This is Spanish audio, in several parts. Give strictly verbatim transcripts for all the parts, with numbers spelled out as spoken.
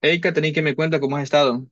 Hey, Katherine, ¿qué me cuenta? ¿Cómo has estado?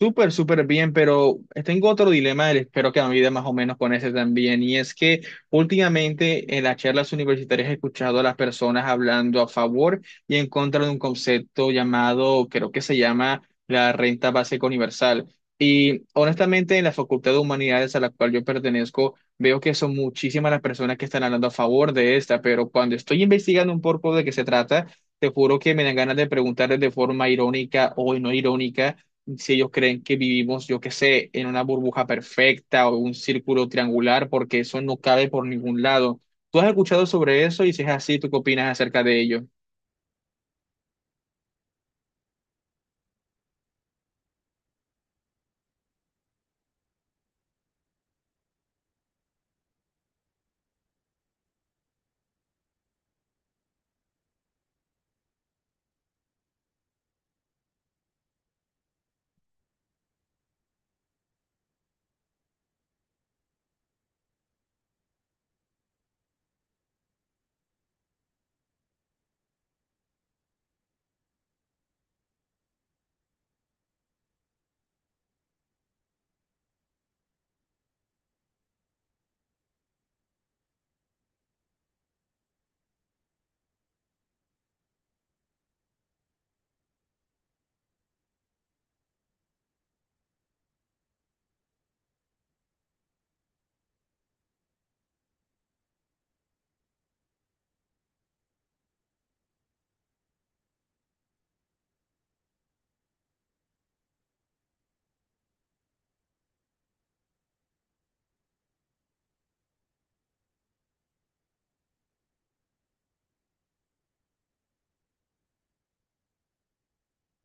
Súper, súper bien, pero tengo otro dilema, espero que me ayude más o menos con ese también, y es que últimamente en las charlas universitarias he escuchado a las personas hablando a favor y en contra de un concepto llamado, creo que se llama la renta básica universal. Y honestamente en la Facultad de Humanidades a la cual yo pertenezco, veo que son muchísimas las personas que están hablando a favor de esta, pero cuando estoy investigando un poco de qué se trata, te juro que me dan ganas de preguntarles de forma irónica o no irónica si ellos creen que vivimos, yo qué sé, en una burbuja perfecta o un círculo triangular, porque eso no cabe por ningún lado. ¿Tú has escuchado sobre eso? Y si es así, ¿tú qué opinas acerca de ello?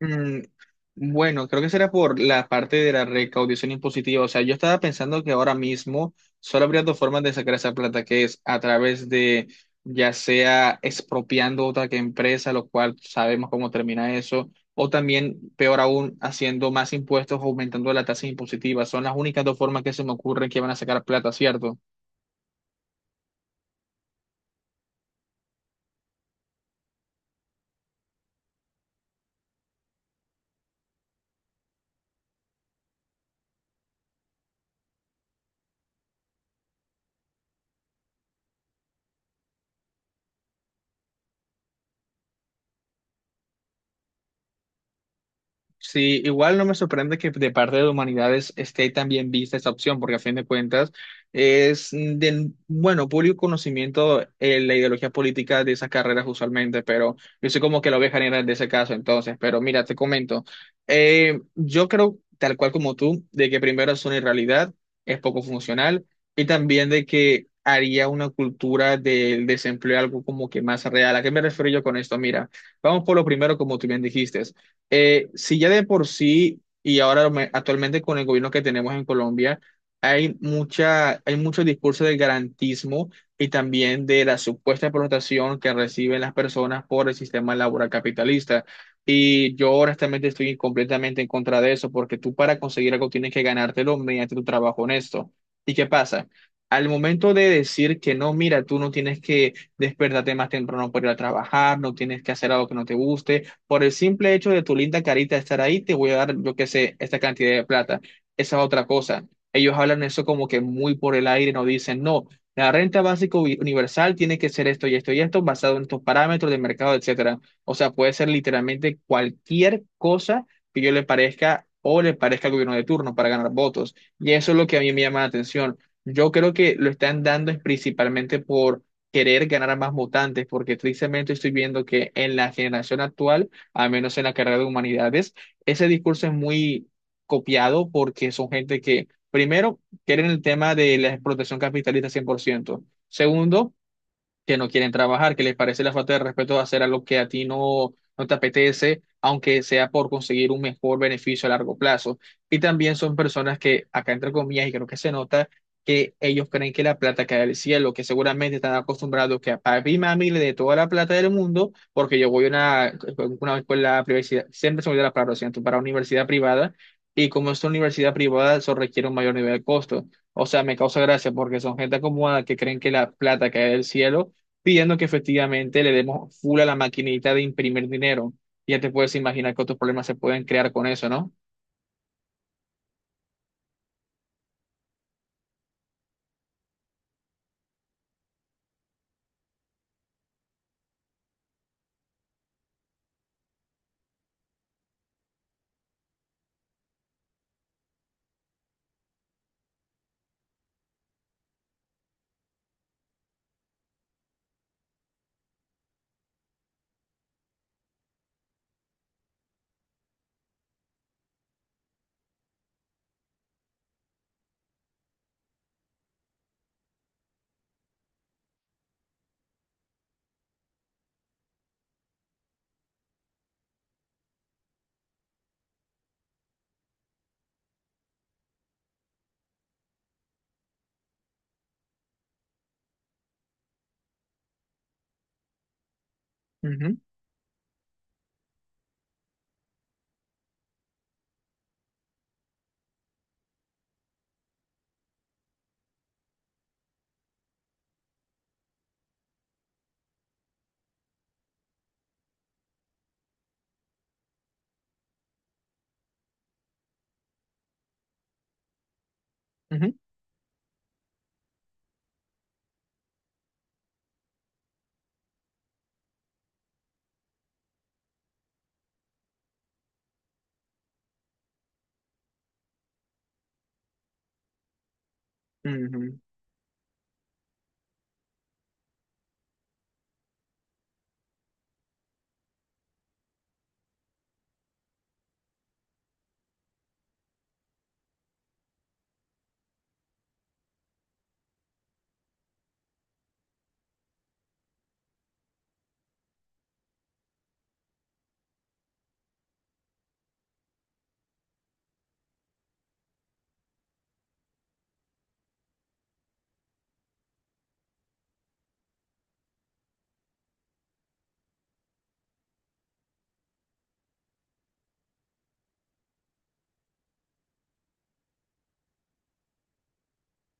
Mm, Bueno, creo que será por la parte de la recaudación impositiva. O sea, yo estaba pensando que ahora mismo solo habría dos formas de sacar esa plata, que es a través de, ya sea expropiando otra que empresa, lo cual sabemos cómo termina eso, o también, peor aún, haciendo más impuestos, aumentando la tasa impositiva. Son las únicas dos formas que se me ocurren que van a sacar plata, ¿cierto? Sí, igual no me sorprende que de parte de humanidades esté también vista esta opción, porque a fin de cuentas es de, bueno, público conocimiento, eh, la ideología política de esas carreras usualmente, pero yo soy como que la oveja negra de ese caso entonces, pero mira, te comento, eh, yo creo, tal cual como tú, de que primero es una irrealidad, es poco funcional, y también de que haría una cultura del desempleo algo como que más real. ¿A qué me refiero yo con esto? Mira, vamos por lo primero, como tú bien dijiste. Eh, si ya de por sí, y ahora me- actualmente con el gobierno que tenemos en Colombia, hay mucha, hay mucho discurso del garantismo y también de la supuesta explotación que reciben las personas por el sistema laboral capitalista. Y yo honestamente estoy completamente en contra de eso, porque tú para conseguir algo tienes que ganártelo mediante tu trabajo honesto. ¿Y qué pasa? Al momento de decir que no, mira, tú no tienes que despertarte más temprano para ir a trabajar, no tienes que hacer algo que no te guste, por el simple hecho de tu linda carita estar ahí, te voy a dar, yo qué sé, esta cantidad de plata. Esa es otra cosa. Ellos hablan eso como que muy por el aire, no dicen, no, la renta básica uni- universal tiene que ser esto y esto y esto, basado en estos parámetros de mercado, etcétera. O sea, puede ser literalmente cualquier cosa que yo le parezca o le parezca al gobierno de turno para ganar votos. Y eso es lo que a mí me llama la atención. Yo creo que lo están dando es principalmente por querer ganar a más votantes, porque tristemente estoy viendo que en la generación actual, al menos en la carrera de humanidades, ese discurso es muy copiado porque son gente que, primero, quieren el tema de la explotación capitalista cien por ciento. Segundo, que no quieren trabajar, que les parece la falta de respeto de hacer algo que a ti no, no te apetece, aunque sea por conseguir un mejor beneficio a largo plazo. Y también son personas que, acá entre comillas, y creo que se nota, que ellos creen que la plata cae del cielo, que seguramente están acostumbrados que a papi y mami le dé toda la plata del mundo, porque yo voy a una, una escuela privada, siempre se me olvida la palabra, lo siento, para una universidad privada, y como es una universidad privada, eso requiere un mayor nivel de costo. O sea, me causa gracia porque son gente acomodada que creen que la plata cae del cielo pidiendo que efectivamente le demos full a la maquinita de imprimir dinero. Ya te puedes imaginar cuántos problemas se pueden crear con eso, ¿no? Ujú, ujú, ujú.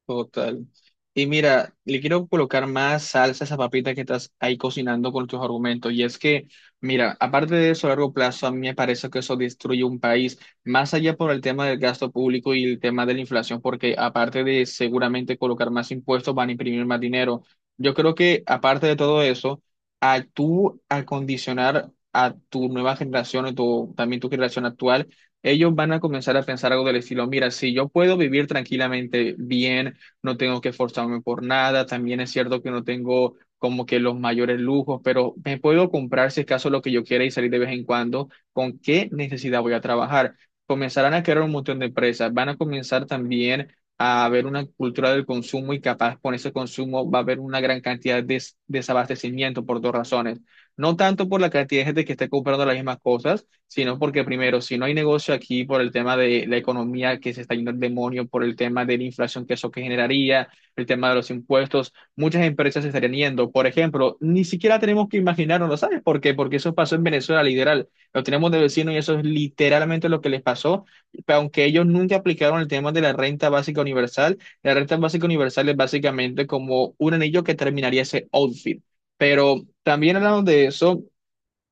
Total. Y mira, le quiero colocar más salsa a esa papita que estás ahí cocinando con tus argumentos. Y es que, mira, aparte de eso a largo plazo, a mí me parece que eso destruye un país, más allá por el tema del gasto público y el tema de la inflación, porque aparte de seguramente colocar más impuestos, van a imprimir más dinero. Yo creo que, aparte de todo eso, a tú acondicionar a tu nueva generación, o tu, también tu generación actual, ellos van a comenzar a pensar algo del estilo, mira, si yo puedo vivir tranquilamente bien, no tengo que esforzarme por nada, también es cierto que no tengo como que los mayores lujos, pero me puedo comprar si es caso lo que yo quiera y salir de vez en cuando, ¿con qué necesidad voy a trabajar? Comenzarán a crear un montón de empresas, van a comenzar también a haber una cultura del consumo y capaz con ese consumo va a haber una gran cantidad de des- desabastecimiento por dos razones. No tanto por la cantidad de gente que esté comprando las mismas cosas, sino porque primero, si no hay negocio aquí por el tema de la economía que se está yendo al demonio, por el tema de la inflación que eso que generaría, el tema de los impuestos, muchas empresas se estarían yendo. Por ejemplo, ni siquiera tenemos que imaginarnos, ¿lo ¿sabes por qué? Porque eso pasó en Venezuela, literal. Lo tenemos de vecino y eso es literalmente lo que les pasó. Aunque ellos nunca aplicaron el tema de la renta básica universal, la renta básica universal es básicamente como un anillo que terminaría ese outfit. Pero también hablando de eso,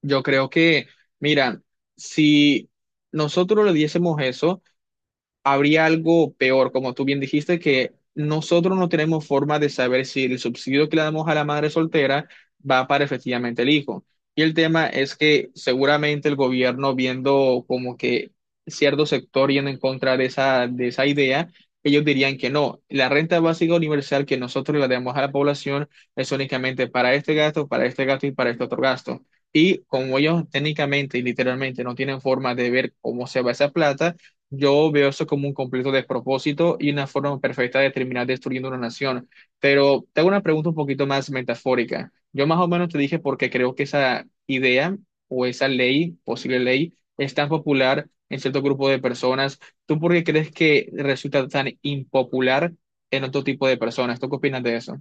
yo creo que, mira, si nosotros le diésemos eso, habría algo peor, como tú bien dijiste, que nosotros no tenemos forma de saber si el subsidio que le damos a la madre soltera va para efectivamente el hijo. Y el tema es que seguramente el gobierno, viendo como que cierto sector yendo en contra de esa, de esa idea, ellos dirían que no, la renta básica universal que nosotros le damos a la población es únicamente para este gasto, para este gasto y para este otro gasto. Y como ellos técnicamente y literalmente no tienen forma de ver cómo se va esa plata, yo veo eso como un completo despropósito y una forma perfecta de terminar destruyendo una nación. Pero te hago una pregunta un poquito más metafórica. Yo más o menos te dije porque creo que esa idea o esa ley, posible ley, es tan popular en cierto grupo de personas. ¿Tú por qué crees que resulta tan impopular en otro tipo de personas? ¿Tú qué opinas de eso?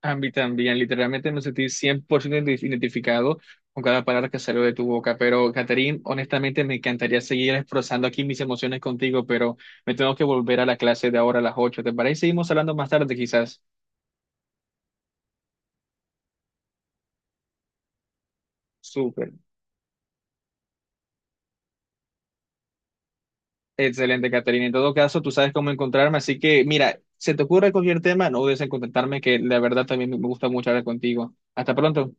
A mí también, literalmente me sentí cien por ciento identif- identificado con cada palabra que salió de tu boca, pero Catherine, honestamente me encantaría seguir expresando aquí mis emociones contigo, pero me tengo que volver a la clase de ahora a las ocho, ¿te parece? Seguimos hablando más tarde quizás. Súper. Excelente, Catherine. En todo caso, tú sabes cómo encontrarme, así que mira, se te ocurre cualquier tema, no dudes en contactarme, que la verdad también me gusta mucho hablar contigo. Hasta pronto.